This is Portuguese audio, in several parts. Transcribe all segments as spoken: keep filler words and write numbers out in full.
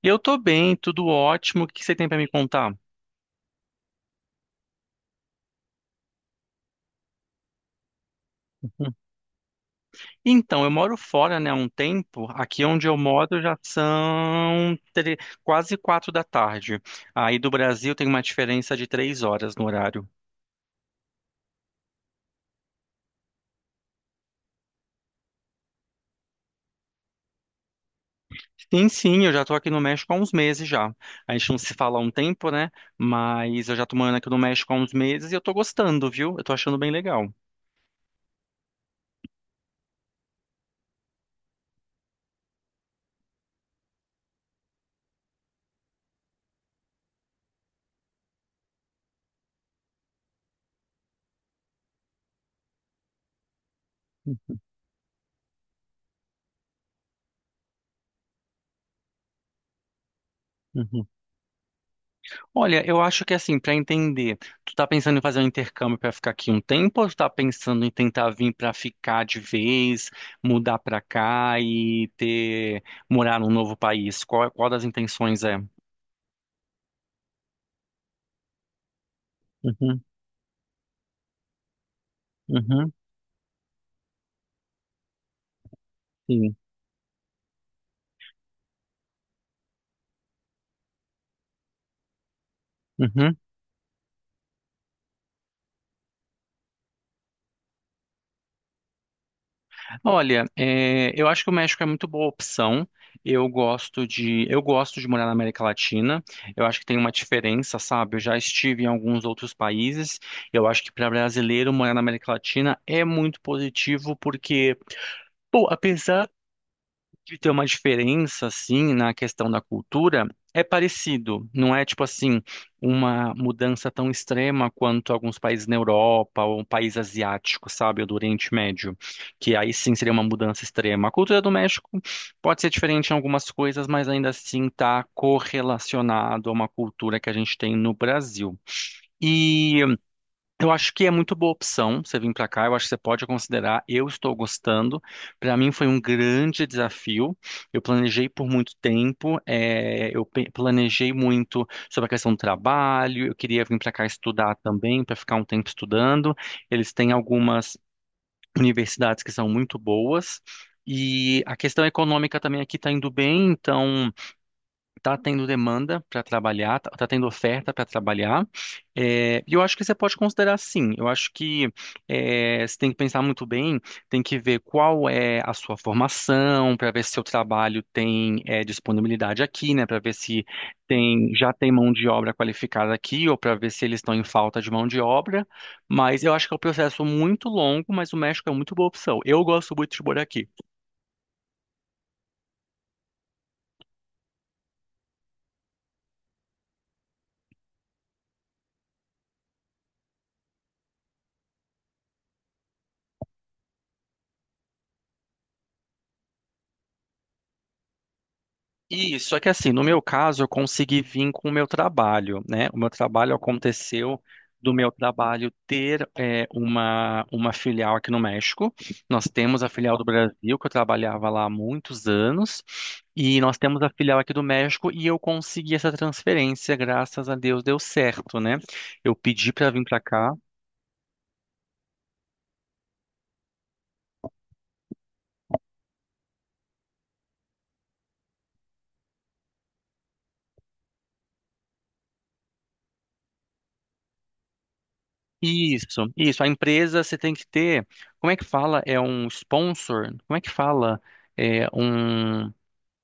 Eu tô bem, tudo ótimo. O que que você tem pra me contar? Hum. Então, eu moro fora, né, há um tempo. Aqui onde eu moro já são tre- quase quatro da tarde. Aí do Brasil tem uma diferença de três horas no horário. Sim, sim, eu já tô aqui no México há uns meses já. A gente não se fala há um tempo, né? Mas eu já tô morando aqui no México há uns meses e eu tô gostando, viu? Eu tô achando bem legal. Uhum. Olha, eu acho que assim, para entender, tu tá pensando em fazer um intercâmbio para ficar aqui um tempo ou tu tá pensando em tentar vir para ficar de vez, mudar para cá e ter morar num novo país? Qual, qual das intenções é? Uhum, uhum, sim. Uhum. Olha, é, eu acho que o México é muito boa opção. Eu gosto de, eu gosto de morar na América Latina. Eu acho que tem uma diferença, sabe? Eu já estive em alguns outros países. Eu acho que para brasileiro morar na América Latina é muito positivo porque, pô, apesar de ter uma diferença assim na questão da cultura é parecido, não é tipo assim uma mudança tão extrema quanto alguns países na Europa ou um país asiático, sabe, ou do Oriente Médio, que aí sim seria uma mudança extrema. A cultura do México pode ser diferente em algumas coisas, mas ainda assim está correlacionado a uma cultura que a gente tem no Brasil. E eu acho que é muito boa opção você vir para cá. Eu acho que você pode considerar. Eu estou gostando. Para mim foi um grande desafio. Eu planejei por muito tempo. eh, eu pe- planejei muito sobre a questão do trabalho. Eu queria vir para cá estudar também, para ficar um tempo estudando. Eles têm algumas universidades que são muito boas. E a questão econômica também aqui está indo bem. Então tá tendo demanda para trabalhar, tá, tá tendo oferta para trabalhar. É, e eu acho que você pode considerar sim. Eu acho que é, você tem que pensar muito bem, tem que ver qual é a sua formação, para ver se seu trabalho tem é, disponibilidade aqui, né? Para ver se tem, já tem mão de obra qualificada aqui, ou para ver se eles estão em falta de mão de obra. Mas eu acho que é um processo muito longo, mas o México é muito boa opção. Eu gosto muito de morar aqui. Isso, só que assim, no meu caso, eu consegui vir com o meu trabalho, né? O meu trabalho aconteceu do meu trabalho ter é, uma, uma filial aqui no México. Nós temos a filial do Brasil, que eu trabalhava lá há muitos anos, e nós temos a filial aqui do México, e eu consegui essa transferência, graças a Deus deu certo, né? Eu pedi para vir para cá. Isso, isso. A empresa você tem que ter, como é que fala? É um sponsor? Como é que fala? É um.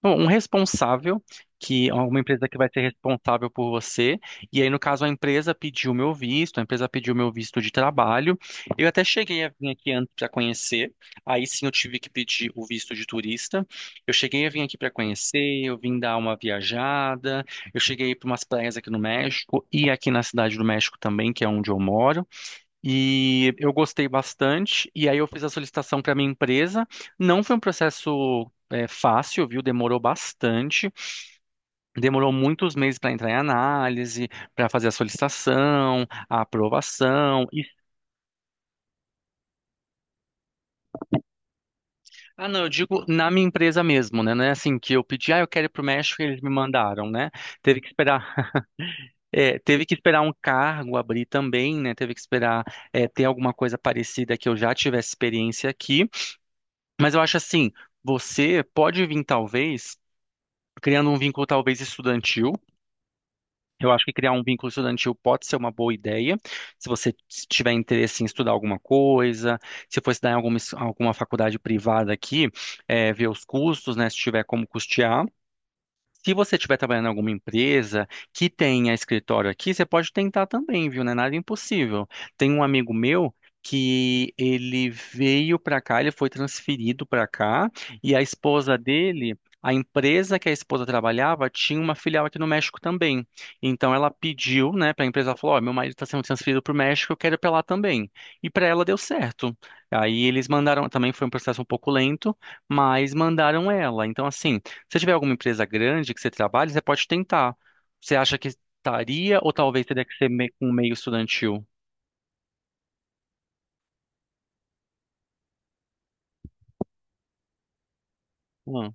Bom, um responsável, que é uma empresa que vai ser responsável por você. E aí, no caso, a empresa pediu meu visto, a empresa pediu meu visto de trabalho. Eu até cheguei a vir aqui antes para conhecer. Aí sim eu tive que pedir o visto de turista. Eu cheguei a vir aqui para conhecer, eu vim dar uma viajada. Eu cheguei para umas praias aqui no México e aqui na cidade do México também, que é onde eu moro. E eu gostei bastante, e aí eu fiz a solicitação para minha empresa. Não foi um processo é, fácil, viu? Demorou bastante, demorou muitos meses para entrar em análise, para fazer a solicitação, a aprovação. E... Ah, não, eu digo na minha empresa mesmo, né? Não é assim que eu pedi, ah, eu quero ir para o México e eles me mandaram, né? Teve que esperar, é, teve que esperar um cargo abrir também, né? Teve que esperar é, ter alguma coisa parecida que eu já tivesse experiência aqui. Mas eu acho assim, você pode vir talvez criando um vínculo talvez estudantil. Eu acho que criar um vínculo estudantil pode ser uma boa ideia, se você s- tiver interesse em estudar alguma coisa, se for estudar em alguma, es- alguma faculdade privada aqui, eh, ver os custos, né, se tiver como custear. Se você estiver trabalhando em alguma empresa que tenha escritório aqui, você pode tentar também, viu? Não é nada impossível. Tem um amigo meu que ele veio para cá, ele foi transferido para cá, e a esposa dele, a empresa que a esposa trabalhava, tinha uma filial aqui no México também. Então ela pediu, né, para a empresa, ela falou: Ó, meu marido está sendo transferido para o México, eu quero ir para lá também. E para ela deu certo. Aí eles mandaram, também foi um processo um pouco lento, mas mandaram ela. Então, assim. Se tiver alguma empresa grande que você trabalhe, você pode tentar. Você acha que estaria ou talvez teria que ser me- com meio estudantil? Hum.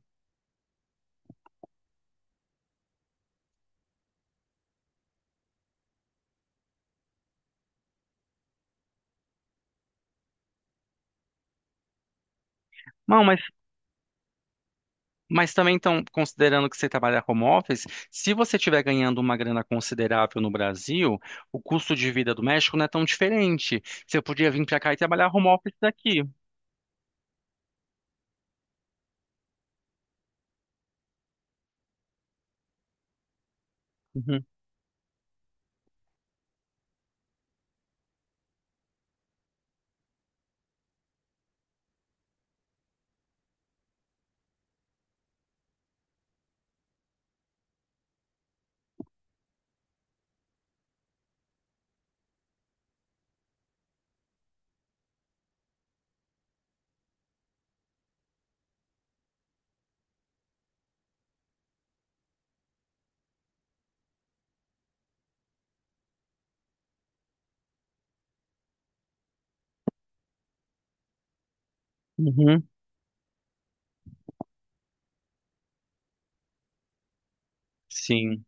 Não, mas, mas também, então, considerando que você trabalha home office, se você estiver ganhando uma grana considerável no Brasil, o custo de vida do México não é tão diferente. Você podia vir para cá e trabalhar home office daqui. Uhum, uhum, sim,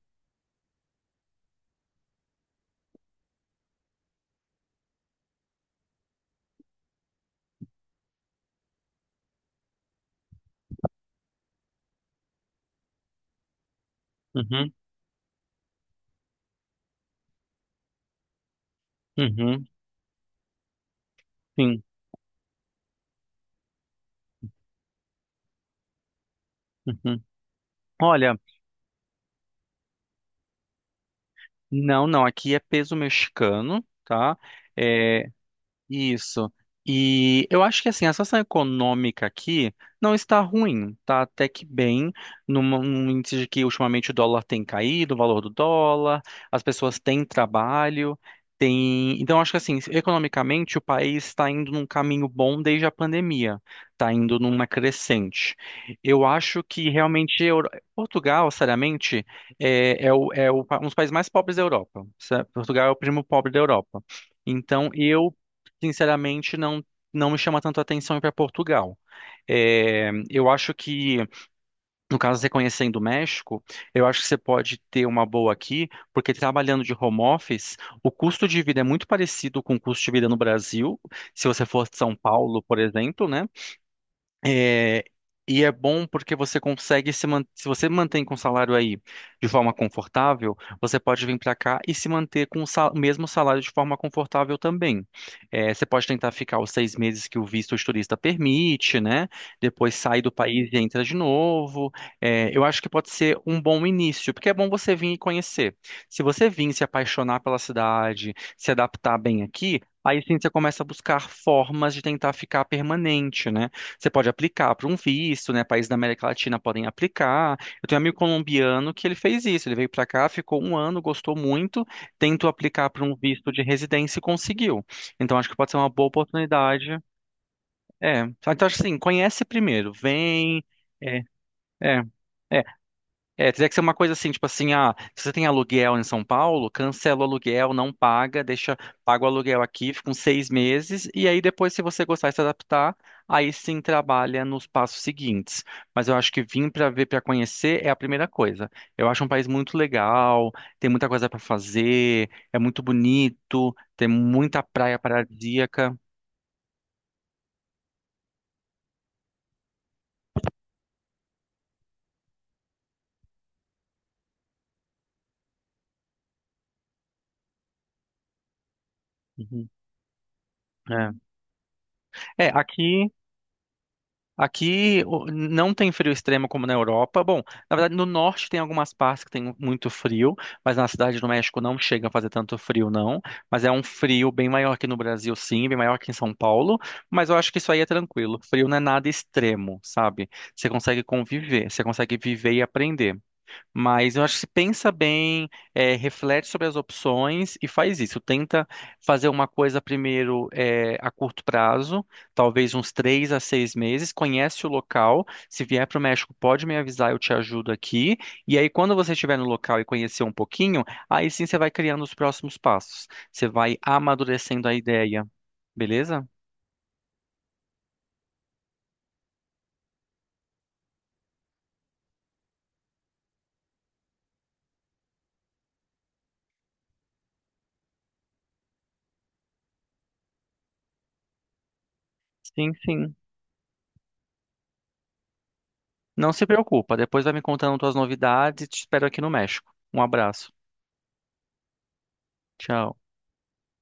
uhum, uhum, sim, uhum. Olha, não, não, aqui é peso mexicano, tá? É, isso. E eu acho que assim, a situação econômica aqui não está ruim, tá até que bem, numa- num índice de que ultimamente o dólar tem caído, o valor do dólar, as pessoas têm trabalho, tem... Então, acho que assim, economicamente o país está indo num caminho bom desde a pandemia, está indo numa crescente. Eu acho que realmente Euro- Portugal, seriamente, é, é, o- é o pa- um dos países mais pobres da Europa. Sa- Portugal é o primo pobre da Europa. Então, eu sinceramente, não, não me chama tanto a atenção ir para Portugal. É, eu acho que, no caso, você conhecendo o México, eu acho que você pode ter uma boa aqui, porque trabalhando de home office, o custo de vida é muito parecido com o custo de vida no Brasil, se você for de São Paulo, por exemplo, né? É, e é bom porque você consegue se man... se você mantém com o salário aí de forma confortável, você pode vir para cá e se manter com o sal- o mesmo salário de forma confortável também. É, você pode tentar ficar os seis meses que o visto de turista permite, né? Depois sai do país e entra de novo. É, eu acho que pode ser um bom início, porque é bom você vir e conhecer. Se você vir se apaixonar pela cidade, se adaptar bem aqui, aí sim você começa a buscar formas de tentar ficar permanente, né? Você pode aplicar para um visto, né? Países da América Latina podem aplicar. Eu tenho um amigo colombiano que ele fez isso. Ele veio para cá, ficou um ano, gostou muito, tentou aplicar para um visto de residência e conseguiu. Então acho que pode ser uma boa oportunidade. É. Então acho assim, conhece primeiro, vem. É, é, é. É, teria que ser uma coisa assim, tipo assim, ah, se você tem aluguel em São Paulo, cancela o aluguel, não paga, deixa, paga o aluguel aqui, fica uns seis meses, e aí depois, se você gostar e se adaptar, aí sim trabalha nos passos seguintes. Mas eu acho que vir para ver, para conhecer é a primeira coisa. Eu acho um país muito legal, tem muita coisa para fazer, é muito bonito, tem muita praia paradisíaca. Uhum. É. É, aqui. Aqui o- não tem frio extremo como na Europa. Bom, na verdade, no norte tem algumas partes que tem muito frio, mas na cidade do México não chega a fazer tanto frio, não. Mas é um frio bem maior que no Brasil, sim, bem maior que em São Paulo. Mas eu acho que isso aí é tranquilo. Frio não é nada extremo, sabe? Você consegue conviver, você consegue viver e aprender. Mas eu acho que se pensa bem, eh, reflete sobre as opções e faz isso. Tenta fazer uma coisa primeiro, eh, a curto prazo, talvez uns três a seis meses. Conhece o local. Se vier para o México, pode me avisar, eu te ajudo aqui. E aí, quando você estiver no local e conhecer um pouquinho, aí sim você vai criando os próximos passos. Você vai amadurecendo a ideia, beleza? Sim, sim. Não se preocupa. Depois vai me contando tuas novidades e te espero aqui no México. Um abraço. Tchau.